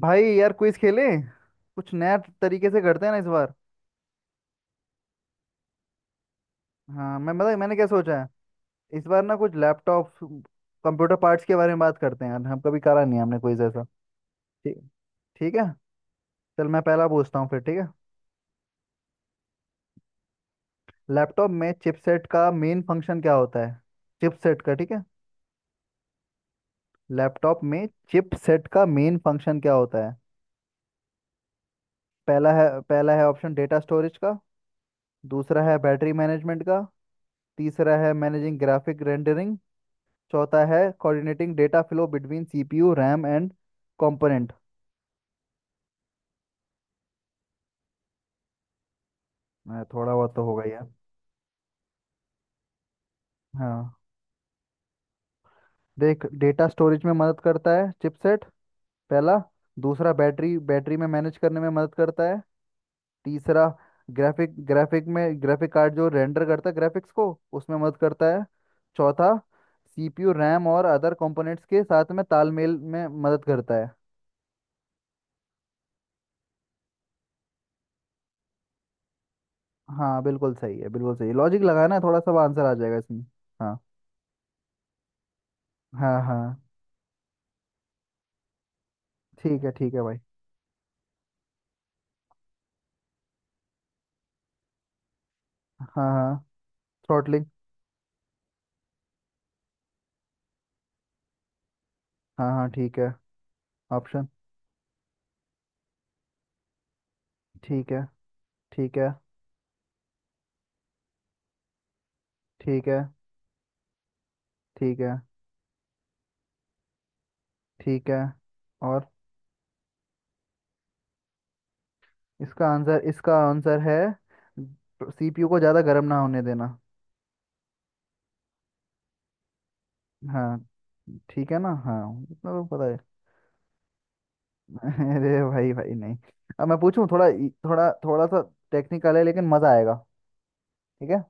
भाई यार क्विज खेले। कुछ नया तरीके से करते हैं ना इस बार। हाँ मैं मतलब मैंने क्या सोचा है। इस बार ना कुछ लैपटॉप कंप्यूटर पार्ट्स के बारे में बात करते हैं यार, हम कभी करा नहीं है हमने क्विज ऐसा। ठीक, ठीक है। चल मैं पहला पूछता हूँ फिर, ठीक है। लैपटॉप में चिपसेट का मेन फंक्शन क्या होता है। चिपसेट का, ठीक है। लैपटॉप में चिपसेट का मेन फंक्शन क्या होता है। पहला है ऑप्शन डेटा स्टोरेज का। दूसरा है बैटरी मैनेजमेंट का। तीसरा है मैनेजिंग ग्राफिक रेंडरिंग। चौथा है coordinating data flow between CPU RAM and component. थोड़ा बहुत तो होगा यार। हाँ। देख, डेटा स्टोरेज में मदद करता है चिपसेट, पहला। दूसरा, बैटरी बैटरी में मैनेज करने में मदद करता है। तीसरा, ग्राफिक ग्राफिक में, ग्राफिक कार्ड जो रेंडर करता है ग्राफिक्स को उसमें मदद करता है। चौथा, सीपीयू रैम और अदर कंपोनेंट्स के साथ में तालमेल में मदद करता है। हाँ बिल्कुल सही है, बिल्कुल सही। लॉजिक लगाना है, थोड़ा सा आंसर आ जाएगा इसमें। हाँ हाँ। हाँ ठीक है, ठीक है भाई। हाँ हाँ। थ्रॉटलिंग। हाँ हाँ ठीक है। ऑप्शन। ठीक है, ठीक है। ठीक है। ठीक है। ठीक है, और। इसका आंसर, इसका आंसर है सीपीयू को ज़्यादा गर्म ना होने देना। हाँ। ठीक है ना, हाँ। इतना तो पता है। अरे भाई भाई नहीं। अब मैं पूछूं थोड़ा थोड़ा थोड़ा सा टेक्निकल है लेकिन मज़ा आएगा। ठीक है।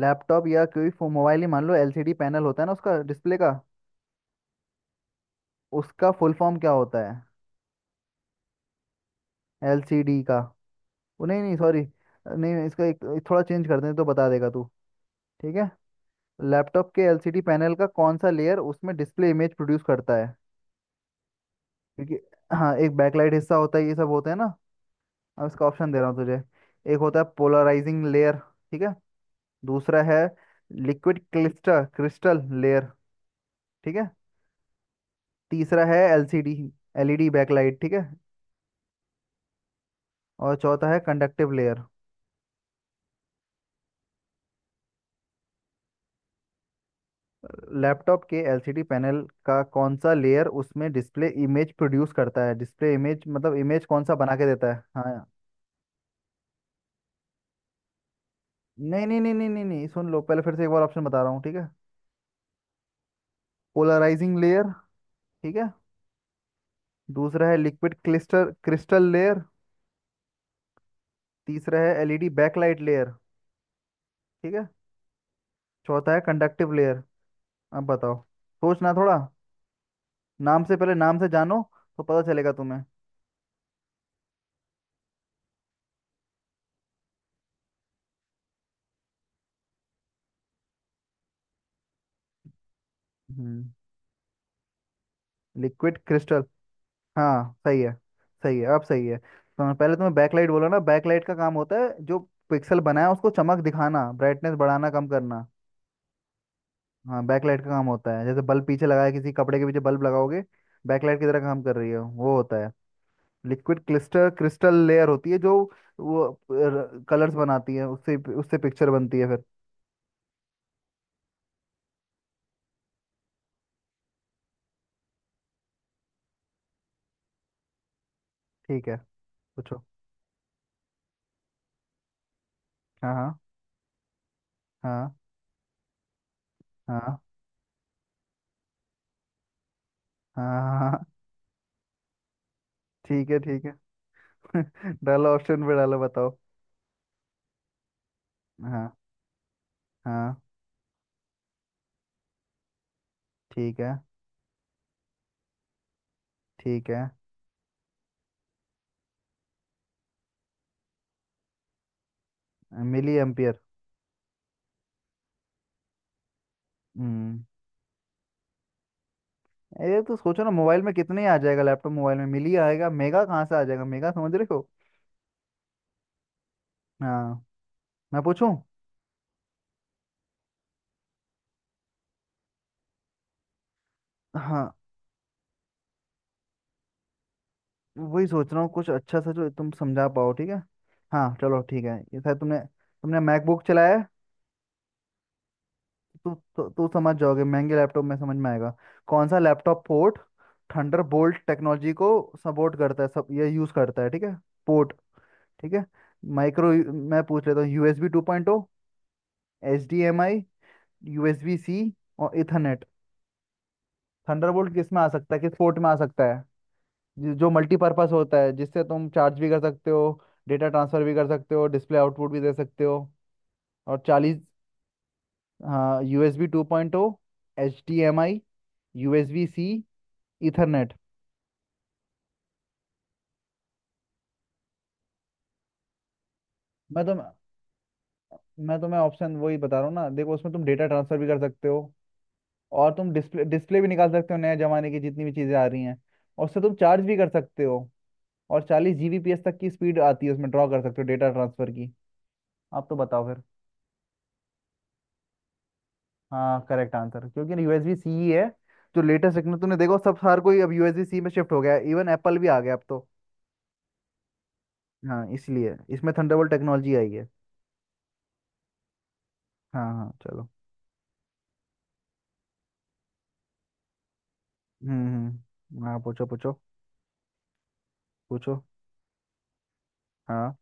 लैपटॉप या कोई मोबाइल ही मान लो, एलसीडी पैनल होता है ना उसका डिस्प्ले का। उसका फुल फॉर्म क्या होता है एलसीडी का। वो नहीं नहीं, सॉरी। नहीं, इसका एक थोड़ा चेंज कर दें तो बता देगा तू, ठीक है। लैपटॉप के एलसीडी पैनल का कौन सा लेयर उसमें डिस्प्ले इमेज प्रोड्यूस करता है। क्योंकि, हाँ एक बैकलाइट हिस्सा होता है ये सब होता है ना। अब इसका ऑप्शन दे रहा हूँ तुझे। एक होता है पोलराइजिंग लेयर, ठीक है। दूसरा है लिक्विड क्लिस्टर क्रिस्टल लेयर, ठीक है। तीसरा है एलसीडी एलईडी बैकलाइट, ठीक है। और चौथा है कंडक्टिव लेयर। लैपटॉप के एलसीडी पैनल का कौन सा लेयर उसमें डिस्प्ले इमेज प्रोड्यूस करता है, डिस्प्ले इमेज मतलब इमेज कौन सा बना के देता है, हाँ। नहीं नहीं नहीं नहीं नहीं नहीं, सुन लो पहले, फिर से एक बार ऑप्शन बता रहा हूँ, ठीक है। पोलराइजिंग लेयर, ठीक है। दूसरा है लिक्विड क्लिस्टर क्रिस्टल लेयर। तीसरा है एलईडी बैकलाइट लेयर, ठीक है। चौथा है कंडक्टिव लेयर। अब बताओ, सोचना थोड़ा। नाम से, पहले नाम से जानो तो पता चलेगा तुम्हें। हम्म। लिक्विड क्रिस्टल, हाँ सही है। सही है, अब सही है। तो पहले तुम्हें बैकलाइट बोला ना, बैकलाइट का काम होता है जो पिक्सल बनाया उसको चमक दिखाना, ब्राइटनेस बढ़ाना कम करना। हाँ। बैकलाइट का काम होता है जैसे बल्ब पीछे लगाया, किसी कपड़े के पीछे बल्ब लगाओगे बैकलाइट की तरह काम कर रही है, वो होता है। लिक्विड क्लिस्टर क्रिस्टल लेयर होती है जो वो कलर्स बनाती है, उससे उससे पिक्चर बनती है फिर। ठीक है। पूछो। हाँ हाँ हाँ हाँ हाँ हाँ। ठीक है, ठीक है। डालो ऑप्शन पे, डालो बताओ। हाँ हाँ। ठीक है, ठीक है। Milli ampere. हम्म। ये तो सोचो ना मोबाइल में कितने ही आ जाएगा, लैपटॉप मोबाइल में मिली आएगा, मेगा कहाँ से आ जाएगा मेगा, समझ रहे हो। हाँ। मैं पूछूं। हाँ वही सोच रहा हूँ कुछ अच्छा सा जो तुम समझा पाओ, ठीक है। हाँ चलो ठीक है, ये शायद तुमने तुमने मैकबुक चलाया है। तू तू तू समझ जाओगे, महंगे लैपटॉप में समझ में आएगा। कौन सा लैपटॉप पोर्ट थंडरबोल्ट टेक्नोलॉजी को सपोर्ट करता है, सब ये यूज़ करता है, ठीक है। पोर्ट, ठीक है। माइक्रो। मैं पूछ लेता हूँ, USB two point O, H D M I, USB C, और इथरनेट। थंडरबोल्ट किस में आ सकता है, किस पोर्ट में आ सकता है। जो मल्टीपर्पस होता है जिससे तुम चार्ज भी कर सकते हो, डेटा ट्रांसफर भी कर सकते हो, डिस्प्ले आउटपुट भी दे सकते हो और 40। हाँ, USB two point O, H D M I, USB C, Ethernet. मैं तुम मैं तुम्हें ऑप्शन वही बता रहा हूँ ना, देखो उसमें तुम डेटा ट्रांसफर भी कर सकते हो, और तुम डिस्प्ले डिस्प्ले भी निकाल सकते हो, नए जमाने की जितनी भी चीज़ें आ रही हैं। और उससे तुम चार्ज भी कर सकते हो, और 40 जीबीपीएस तक की स्पीड आती है उसमें, ड्रॉ कर सकते हो डेटा ट्रांसफर की। आप तो बताओ फिर। हाँ करेक्ट आंसर, क्योंकि यूएसबी सी ही है। जो लेटेस्ट टेक्नो, तूने देखो सब, हर कोई अब यूएसबी सी में शिफ्ट हो गया, इवन एप्पल भी आ गया अब तो। हाँ इसलिए इसमें थंडरबोल्ट टेक्नोलॉजी आई है। हाँ हाँ चलो। हाँ पूछो पूछो। पूछो। हाँ।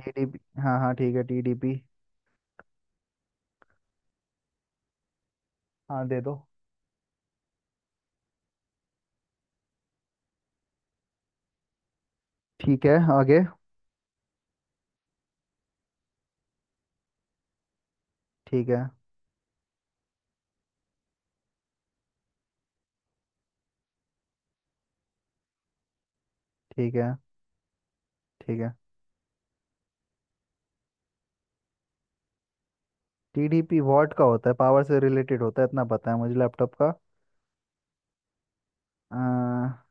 टीडीपी, हाँ हाँ ठीक है टीडीपी। हाँ दे दो। ठीक है। आगे। ठीक है। ठीक है। ठीक है। टीडीपी वॉट का होता है, पावर से रिलेटेड होता है, इतना पता है मुझे लैपटॉप का।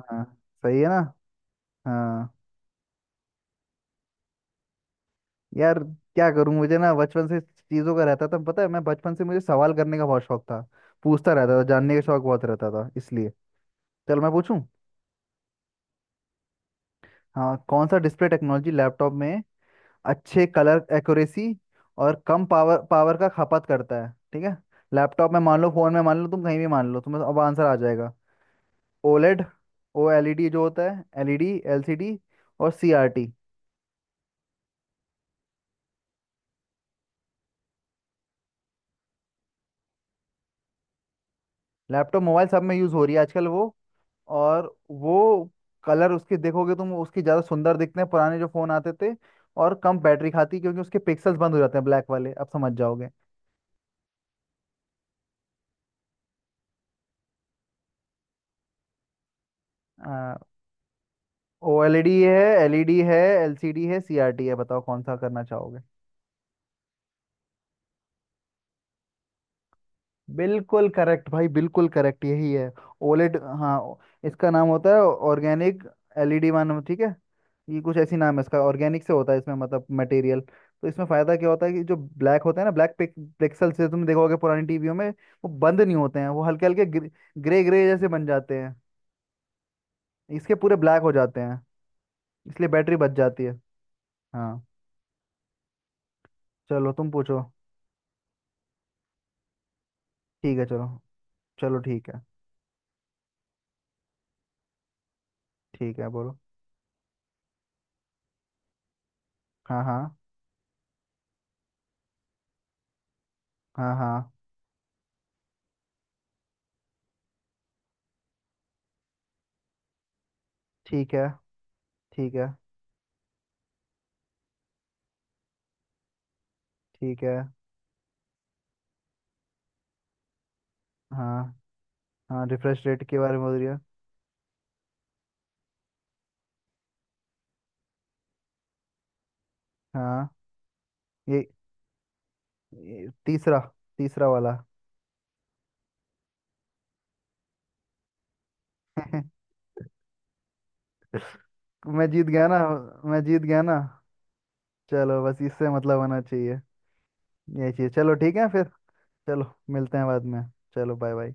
हाँ। सही है ना। हाँ। यार क्या करूं, मुझे ना बचपन से चीज़ों का रहता था, पता है, मैं बचपन से मुझे सवाल करने का बहुत शौक था। पूछता रहता था, जानने का शौक बहुत रहता था, इसलिए। चल मैं पूछूं। हाँ, कौन सा डिस्प्ले टेक्नोलॉजी लैपटॉप में अच्छे कलर एक्यूरेसी और कम पावर पावर का खपत करता है, ठीक है। लैपटॉप में मान लो, फोन में मान लो, तुम कहीं भी मान लो, तुम्हें अब आंसर आ जाएगा। ओलेड। ओ एलईडी जो होता है, एलईडी, एलसीडी और सीआरटी। लैपटॉप मोबाइल सब में यूज़ हो रही है आजकल वो। और वो कलर उसके, देखोगे तुम उसके ज़्यादा सुंदर दिखते हैं पुराने जो फ़ोन आते थे। और कम बैटरी खाती, क्योंकि उसके पिक्सल्स बंद हो जाते हैं ब्लैक वाले, अब समझ जाओगे। ओ एल ई डी है, एल ई डी है, एल सी डी है, सी आर टी है, बताओ कौन सा करना चाहोगे। बिल्कुल करेक्ट भाई, बिल्कुल करेक्ट, यही है। ओलेड, हाँ। इसका नाम होता है ऑर्गेनिक एलईडी वन, ठीक है। ये कुछ ऐसी नाम है इसका, ऑर्गेनिक से होता है इसमें मतलब मटेरियल, तो इसमें फायदा क्या होता है कि जो ब्लैक होता है ना, ब्लैक पिक्सल से तुम देखोगे पुरानी टीवियों में वो बंद नहीं होते हैं, वो हल्के हल्के ग्रे ग्रे जैसे बन जाते हैं। इसके पूरे ब्लैक हो जाते हैं। इसलिए बैटरी बच जाती है। हाँ। चलो तुम पूछो। ठीक है। चलो, चलो ठीक है। ठीक है बोलो। हाँ हाँ। हाँ हाँ। ठीक है। ठीक है, ठीक है। हाँ हाँ, रिफ्रेश रेट के बारे में बोल रही हो। हाँ। ये, ये तीसरा तीसरा वाला। मैं जीत गया ना। मैं जीत गया ना। चलो, बस इससे मतलब होना चाहिए। यही चाहिए, चलो ठीक है फिर। चलो मिलते हैं बाद में। चलो, बाय बाय।